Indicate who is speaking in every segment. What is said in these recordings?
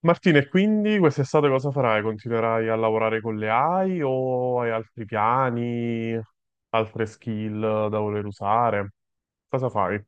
Speaker 1: Martina, e quindi quest'estate cosa farai? Continuerai a lavorare con le AI o hai altri piani, altre skill da voler usare? Cosa fai?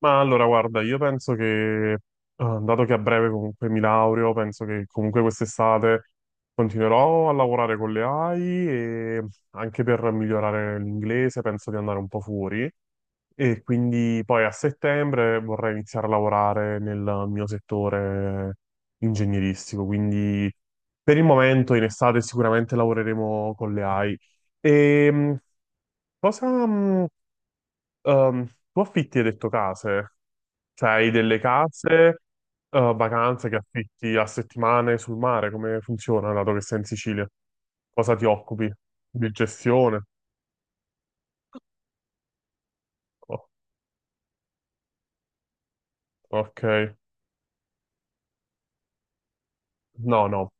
Speaker 1: Ma allora, guarda, io penso che, dato che a breve comunque mi laureo, penso che comunque quest'estate continuerò a lavorare con le AI e anche per migliorare l'inglese penso di andare un po' fuori. E quindi poi a settembre vorrei iniziare a lavorare nel mio settore ingegneristico, quindi per il momento in estate sicuramente lavoreremo con le AI. E mh, cosa, mh, ehm, Tu affitti hai detto case? Cioè hai delle case, vacanze che affitti a settimane sul mare? Come funziona, dato che sei in Sicilia? Cosa ti occupi? Di gestione? Oh, ok. No, no.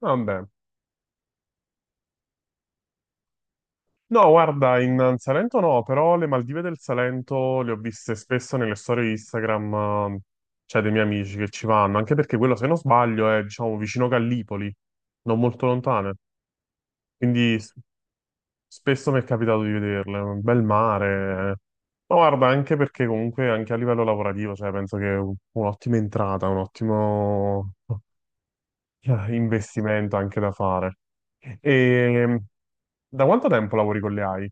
Speaker 1: Vabbè. No, guarda, in Salento no, però le Maldive del Salento le ho viste spesso nelle storie Instagram, cioè dei miei amici che ci vanno, anche perché quello, se non sbaglio, è, diciamo, vicino Gallipoli, non molto lontane. Quindi spesso mi è capitato di vederle, un bel mare. Eh. Ma guarda, anche perché comunque anche a livello lavorativo, cioè, penso che è un'ottima entrata, un ottimo investimento anche da fare. E da quanto tempo lavori con le AI?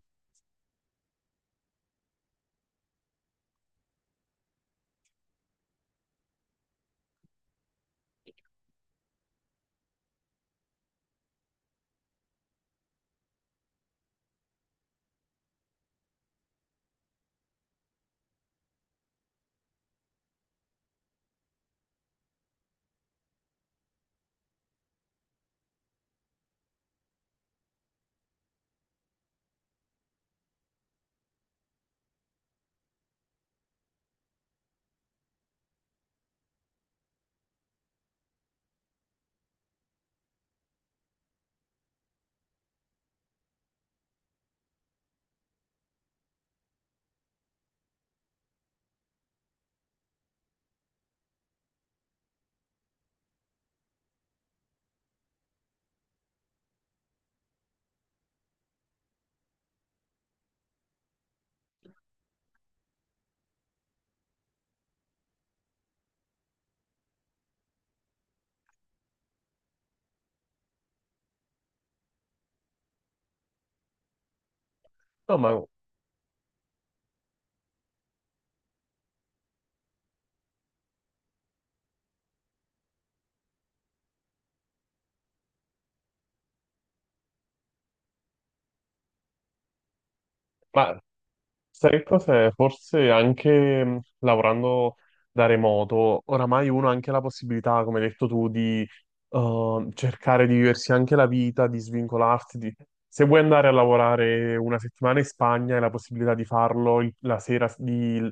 Speaker 1: No, ma... Sai cos'è? Forse anche lavorando da remoto, oramai uno ha anche la possibilità, come hai detto tu, di cercare di viversi anche la vita, di svincolarsi. Se vuoi andare a lavorare una settimana in Spagna, hai la possibilità di farlo la sera,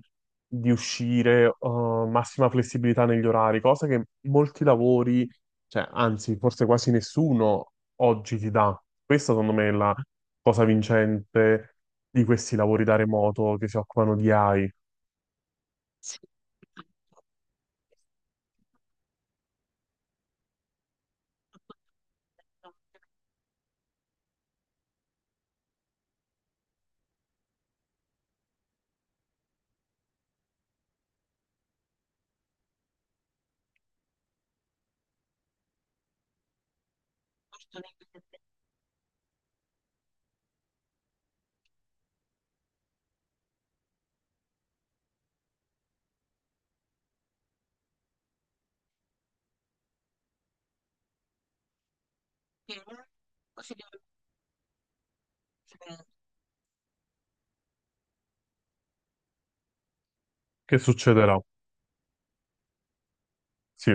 Speaker 1: di uscire, massima flessibilità negli orari, cosa che molti lavori, cioè, anzi, forse quasi nessuno oggi ti dà. Questa, secondo me, è la cosa vincente di questi lavori da remoto che si occupano di AI. Che succederà? Sì.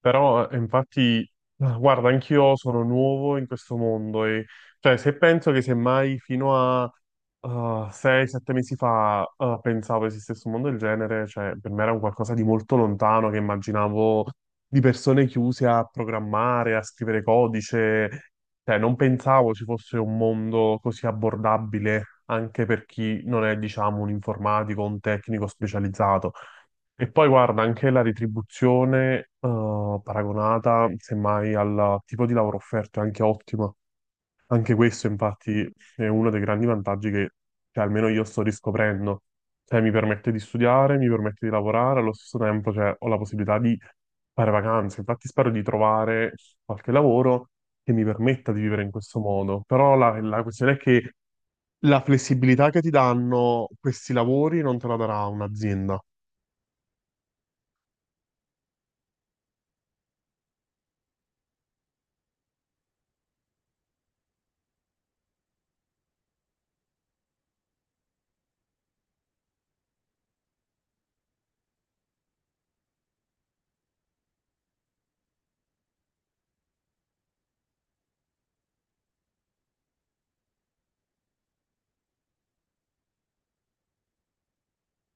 Speaker 1: Però infatti, ah, guarda, anch'io sono nuovo in questo mondo e cioè se penso che semmai fino a 6-7 mesi fa pensavo esistesse un mondo del genere, cioè per me era un qualcosa di molto lontano che immaginavo di persone chiuse a programmare, a scrivere codice, cioè non pensavo ci fosse un mondo così abbordabile anche per chi non è, diciamo, un informatico, un tecnico specializzato. E poi guarda, anche la retribuzione, paragonata semmai al tipo di lavoro offerto è anche ottima. Anche questo, infatti, è uno dei grandi vantaggi che, cioè, almeno io sto riscoprendo. Cioè, mi permette di studiare, mi permette di lavorare, allo stesso tempo, cioè, ho la possibilità di fare vacanze. Infatti, spero di trovare qualche lavoro che mi permetta di vivere in questo modo. Però la questione è che la flessibilità che ti danno questi lavori non te la darà un'azienda.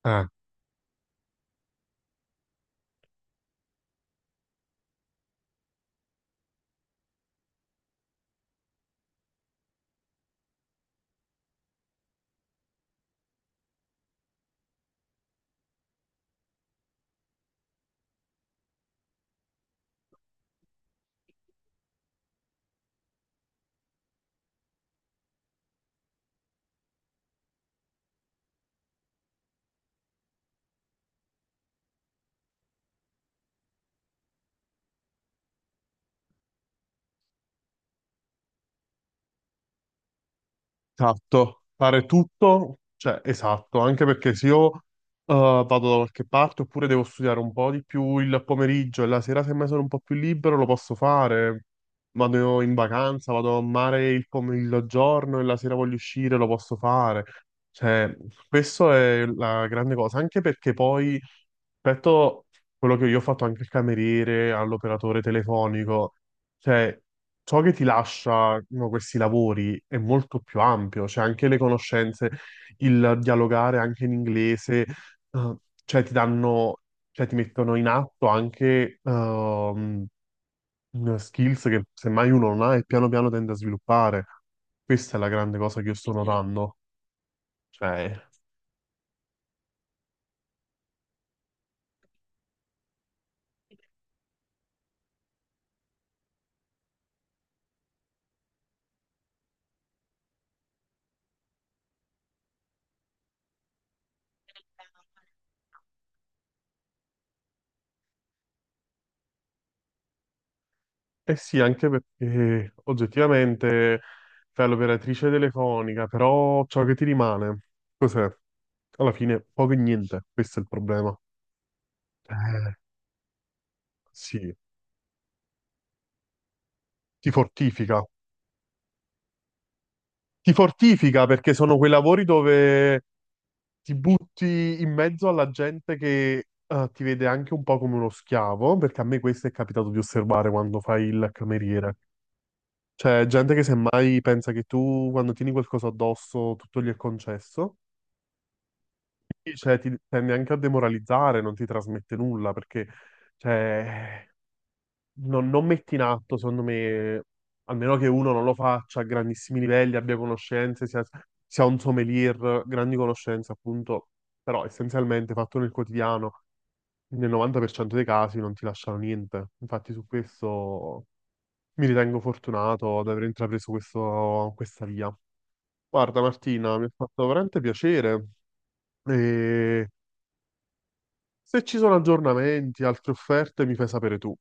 Speaker 1: Eh, Esatto, fare tutto, cioè esatto, anche perché se io vado da qualche parte oppure devo studiare un po' di più il pomeriggio e la sera semmai sono un po' più libero lo posso fare, vado in vacanza, vado a mare il pomeriggio giorno e la sera voglio uscire lo posso fare, cioè questo è la grande cosa, anche perché poi rispetto a quello che io ho fatto anche il cameriere, all'operatore telefonico, cioè ciò che ti lasciano questi lavori è molto più ampio, cioè anche le conoscenze, il dialogare anche in inglese, eh, cioè ti danno, cioè ti mettono in atto anche skills che semmai uno non ha e piano piano tende a sviluppare. Questa è la grande cosa che io sto notando. Cioè, eh sì, anche perché oggettivamente fai l'operatrice telefonica, però ciò che ti rimane, cos'è? Alla fine poco e niente, questo è il problema. Eh, sì, ti fortifica. Ti fortifica perché sono quei lavori dove ti butti in mezzo alla gente che ti vede anche un po' come uno schiavo, perché a me questo è capitato di osservare quando fai il cameriere. Cioè, gente che semmai pensa che tu, quando tieni qualcosa addosso, tutto gli è concesso. Quindi, cioè, ti tende anche a demoralizzare, non ti trasmette nulla, perché, cioè, non, non metti in atto, secondo me, almeno che uno non lo faccia a grandissimi livelli, abbia conoscenze, sia, sia un sommelier, grandi conoscenze, appunto, però essenzialmente fatto nel quotidiano, nel 90% dei casi non ti lasciano niente. Infatti su questo mi ritengo fortunato ad aver intrapreso questa via. Guarda Martina, mi ha fatto veramente piacere e se ci sono aggiornamenti, altre offerte, mi fai sapere tu.